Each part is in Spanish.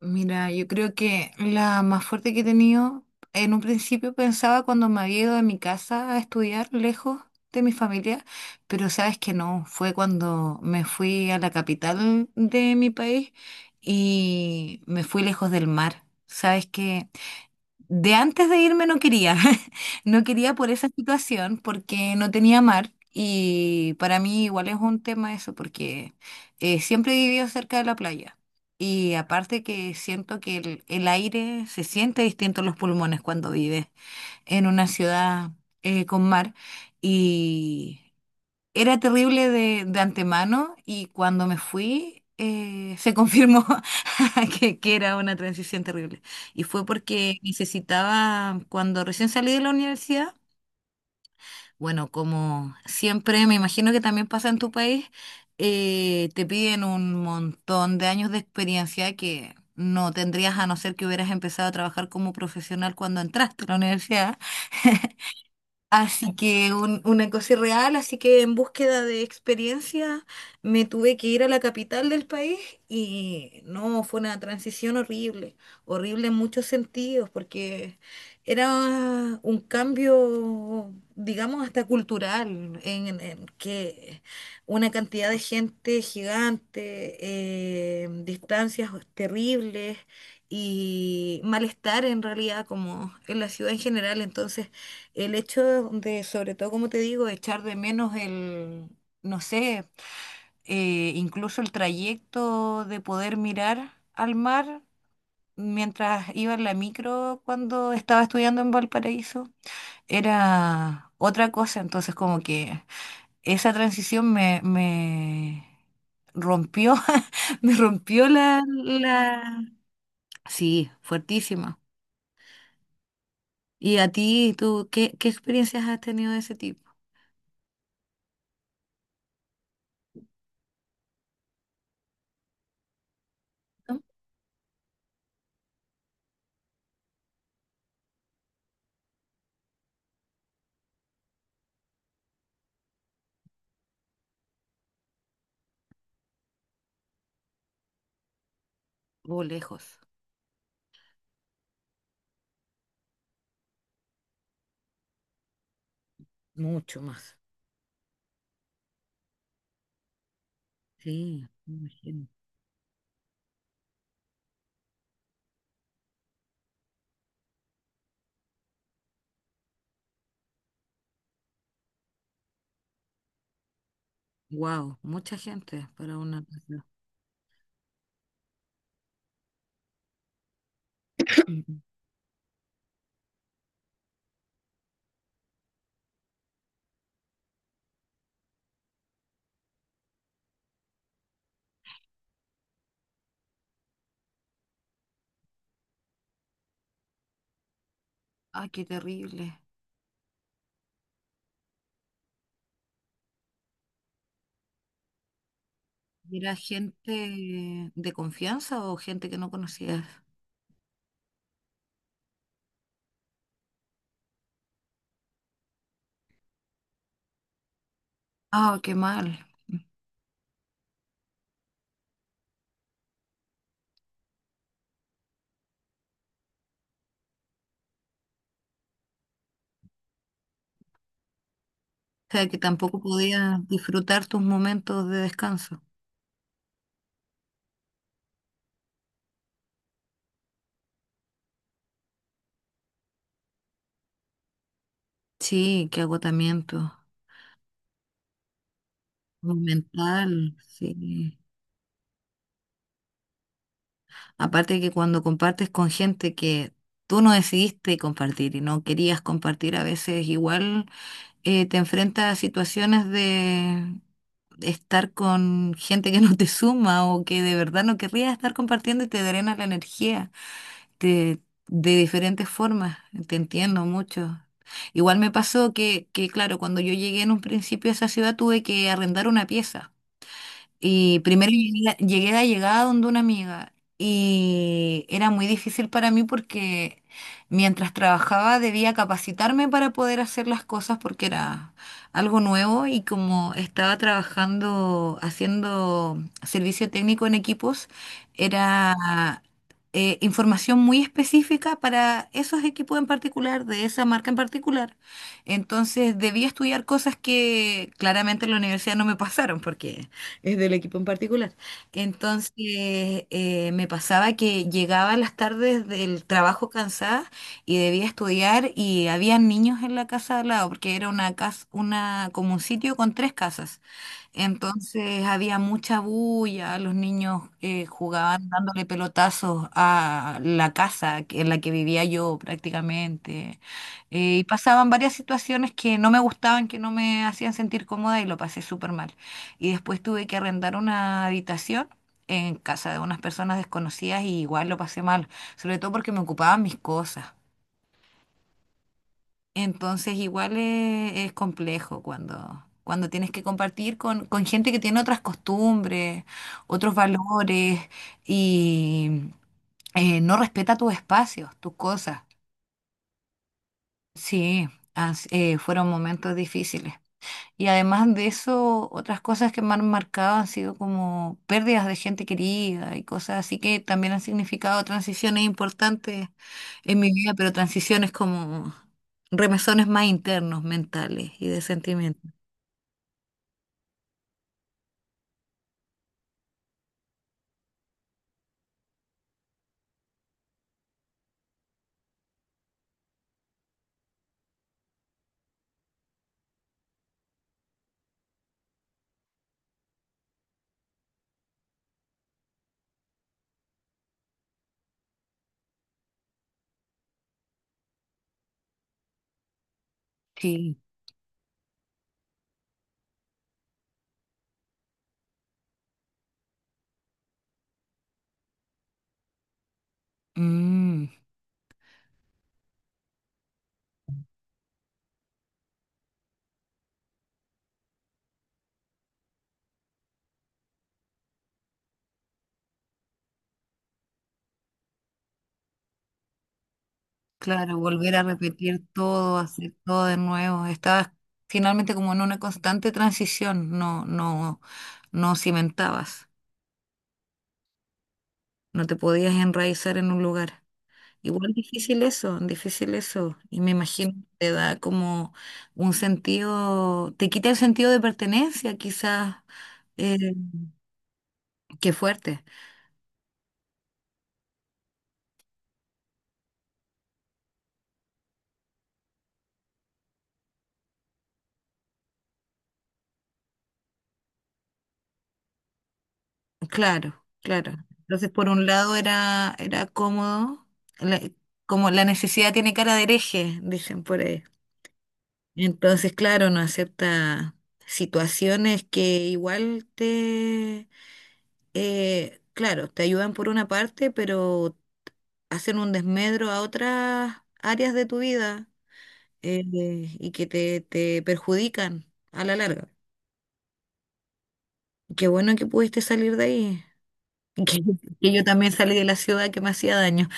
Mira, yo creo que la más fuerte que he tenido, en un principio pensaba cuando me había ido de mi casa a estudiar lejos de mi familia, pero sabes que no, fue cuando me fui a la capital de mi país y me fui lejos del mar. Sabes que de antes de irme no quería, no quería por esa situación porque no tenía mar y para mí igual es un tema eso porque siempre he vivido cerca de la playa y aparte que siento que el aire se siente distinto en los pulmones cuando vives en una ciudad con mar y era terrible de antemano y cuando me fui se confirmó que era una transición terrible. Y fue porque necesitaba, cuando recién salí de la universidad, bueno, como siempre, me imagino que también pasa en tu país, te piden un montón de años de experiencia que no tendrías a no ser que hubieras empezado a trabajar como profesional cuando entraste a la universidad. Así que una cosa irreal, así que en búsqueda de experiencia me tuve que ir a la capital del país y no, fue una transición horrible, horrible en muchos sentidos, porque era un cambio, digamos, hasta cultural, que una cantidad de gente gigante, distancias terribles y malestar en realidad, como en la ciudad en general, entonces… El hecho de, sobre todo, como te digo, echar de menos el, no sé, incluso el trayecto de poder mirar al mar mientras iba en la micro cuando estaba estudiando en Valparaíso, era otra cosa. Entonces, como que esa transición me rompió, me rompió la... Sí, fuertísima. ¿Y a ti, tú, qué experiencias has tenido de ese tipo? ¿No? O lejos. Mucho más. Sí. Wow, mucha gente para una casa. Mm. Ay, qué terrible. ¿Y ¿Era gente de confianza o gente que no conocías? Ah, qué mal. O sea, que tampoco podías disfrutar tus momentos de descanso. Sí, qué agotamiento mental, sí. Aparte que cuando compartes con gente que tú no decidiste compartir y no querías compartir, a veces igual te enfrentas a situaciones de estar con gente que no te suma o que de verdad no querrías estar compartiendo y te drena la energía te- de diferentes formas. Te entiendo mucho. Igual me pasó claro, cuando yo llegué en un principio a esa ciudad tuve que arrendar una pieza. Y primero llegué, de llegada donde una amiga y era muy difícil para mí porque mientras trabajaba debía capacitarme para poder hacer las cosas porque era algo nuevo y como estaba trabajando haciendo servicio técnico en equipos, era información muy específica para esos equipos en particular, de esa marca en particular. Entonces debía estudiar cosas que claramente en la universidad no me pasaron porque es del equipo en particular. Entonces, me pasaba que llegaba a las tardes del trabajo cansada y debía estudiar y había niños en la casa de al lado, porque era una casa, una, como un sitio con tres casas. Entonces había mucha bulla, los niños jugaban dándole pelotazos a la casa en la que vivía yo prácticamente. Y pasaban varias situaciones que no me gustaban, que no me hacían sentir cómoda y lo pasé súper mal. Y después tuve que arrendar una habitación en casa de unas personas desconocidas y igual lo pasé mal, sobre todo porque me ocupaban mis cosas. Entonces igual es complejo cuando, cuando tienes que compartir con gente que tiene otras costumbres, otros valores y no respeta tus espacios, tus cosas. Sí, fueron momentos difíciles. Y además de eso, otras cosas que me han marcado han sido como pérdidas de gente querida y cosas así que también han significado transiciones importantes en mi vida, pero transiciones como remesones más internos, mentales y de sentimientos. Sí. Mm, claro, volver a repetir todo, hacer todo de nuevo. Estabas finalmente como en una constante transición, no, no, no cimentabas, no te podías enraizar en un lugar. Igual difícil eso, difícil eso. Y me imagino que te da como un sentido, te quita el sentido de pertenencia, quizás. Eh, Qué fuerte. Claro, claro. Entonces, por un lado era, era cómodo, la- como la necesidad tiene cara de hereje, dicen por ahí. Entonces, claro, no acepta situaciones que igual te, claro, te ayudan por una parte, pero hacen un desmedro a otras áreas de tu vida eh, y que te perjudican a la larga. Qué bueno que pudiste salir de ahí. Que, que yo también salí de la ciudad que me hacía daño.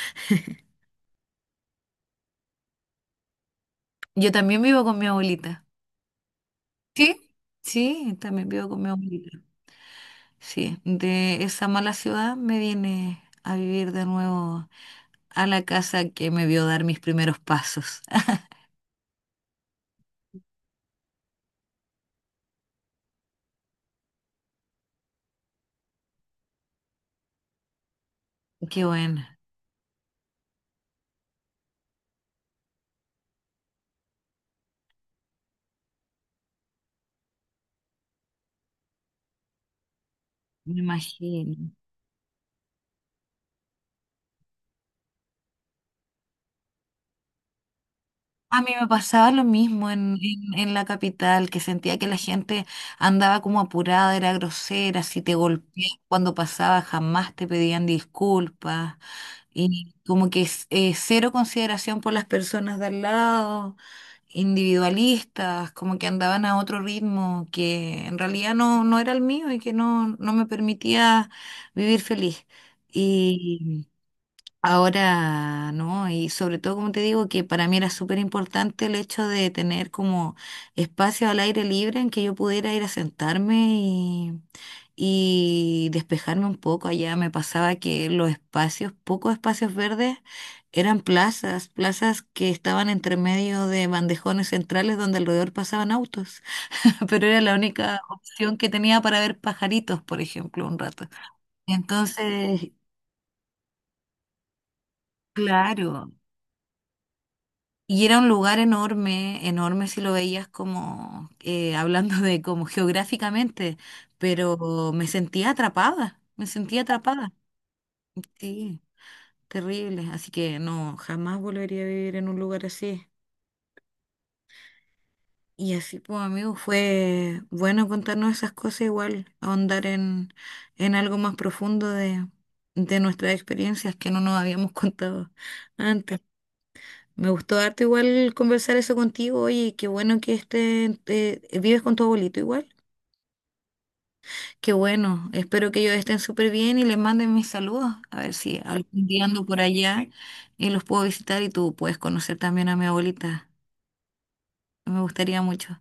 Yo también vivo con mi abuelita. Sí, sí, también vivo con mi abuelita. Sí, de esa mala ciudad me vine a vivir de nuevo a la casa que me vio dar mis primeros pasos. Qué bueno, me imagino. A mí me pasaba lo mismo en la capital, que sentía que la gente andaba como apurada, era grosera, si te golpeaban cuando pasaba jamás te pedían disculpas y como que cero consideración por las personas de al lado, individualistas, como que andaban a otro ritmo que en realidad no, no era el mío y que no, no me permitía vivir feliz. Ahora, ¿no? Y sobre todo, como te digo, que para mí era súper importante el hecho de tener como espacio al aire libre en que yo pudiera ir a sentarme y despejarme un poco. Allá me pasaba que los espacios, pocos espacios verdes, eran plazas, plazas que estaban entre medio de bandejones centrales donde alrededor pasaban autos, pero era la única opción que tenía para ver pajaritos, por ejemplo, un rato. Entonces, claro. Y era un lugar enorme, enorme si lo veías como, hablando de como geográficamente, pero me sentía atrapada, me sentía atrapada. Sí, terrible. Así que no, jamás volvería a vivir en un lugar así. Y así, pues, amigo, fue bueno contarnos esas cosas, igual, ahondar en algo más profundo de nuestras experiencias que no nos habíamos contado antes. Me gustó harto igual conversar eso contigo. Oye, qué bueno que estén, vives con tu abuelito igual. Qué bueno. Espero que ellos estén súper bien y les manden mis saludos. A ver si algún día ando por allá y los puedo visitar y tú puedes conocer también a mi abuelita. Me gustaría mucho.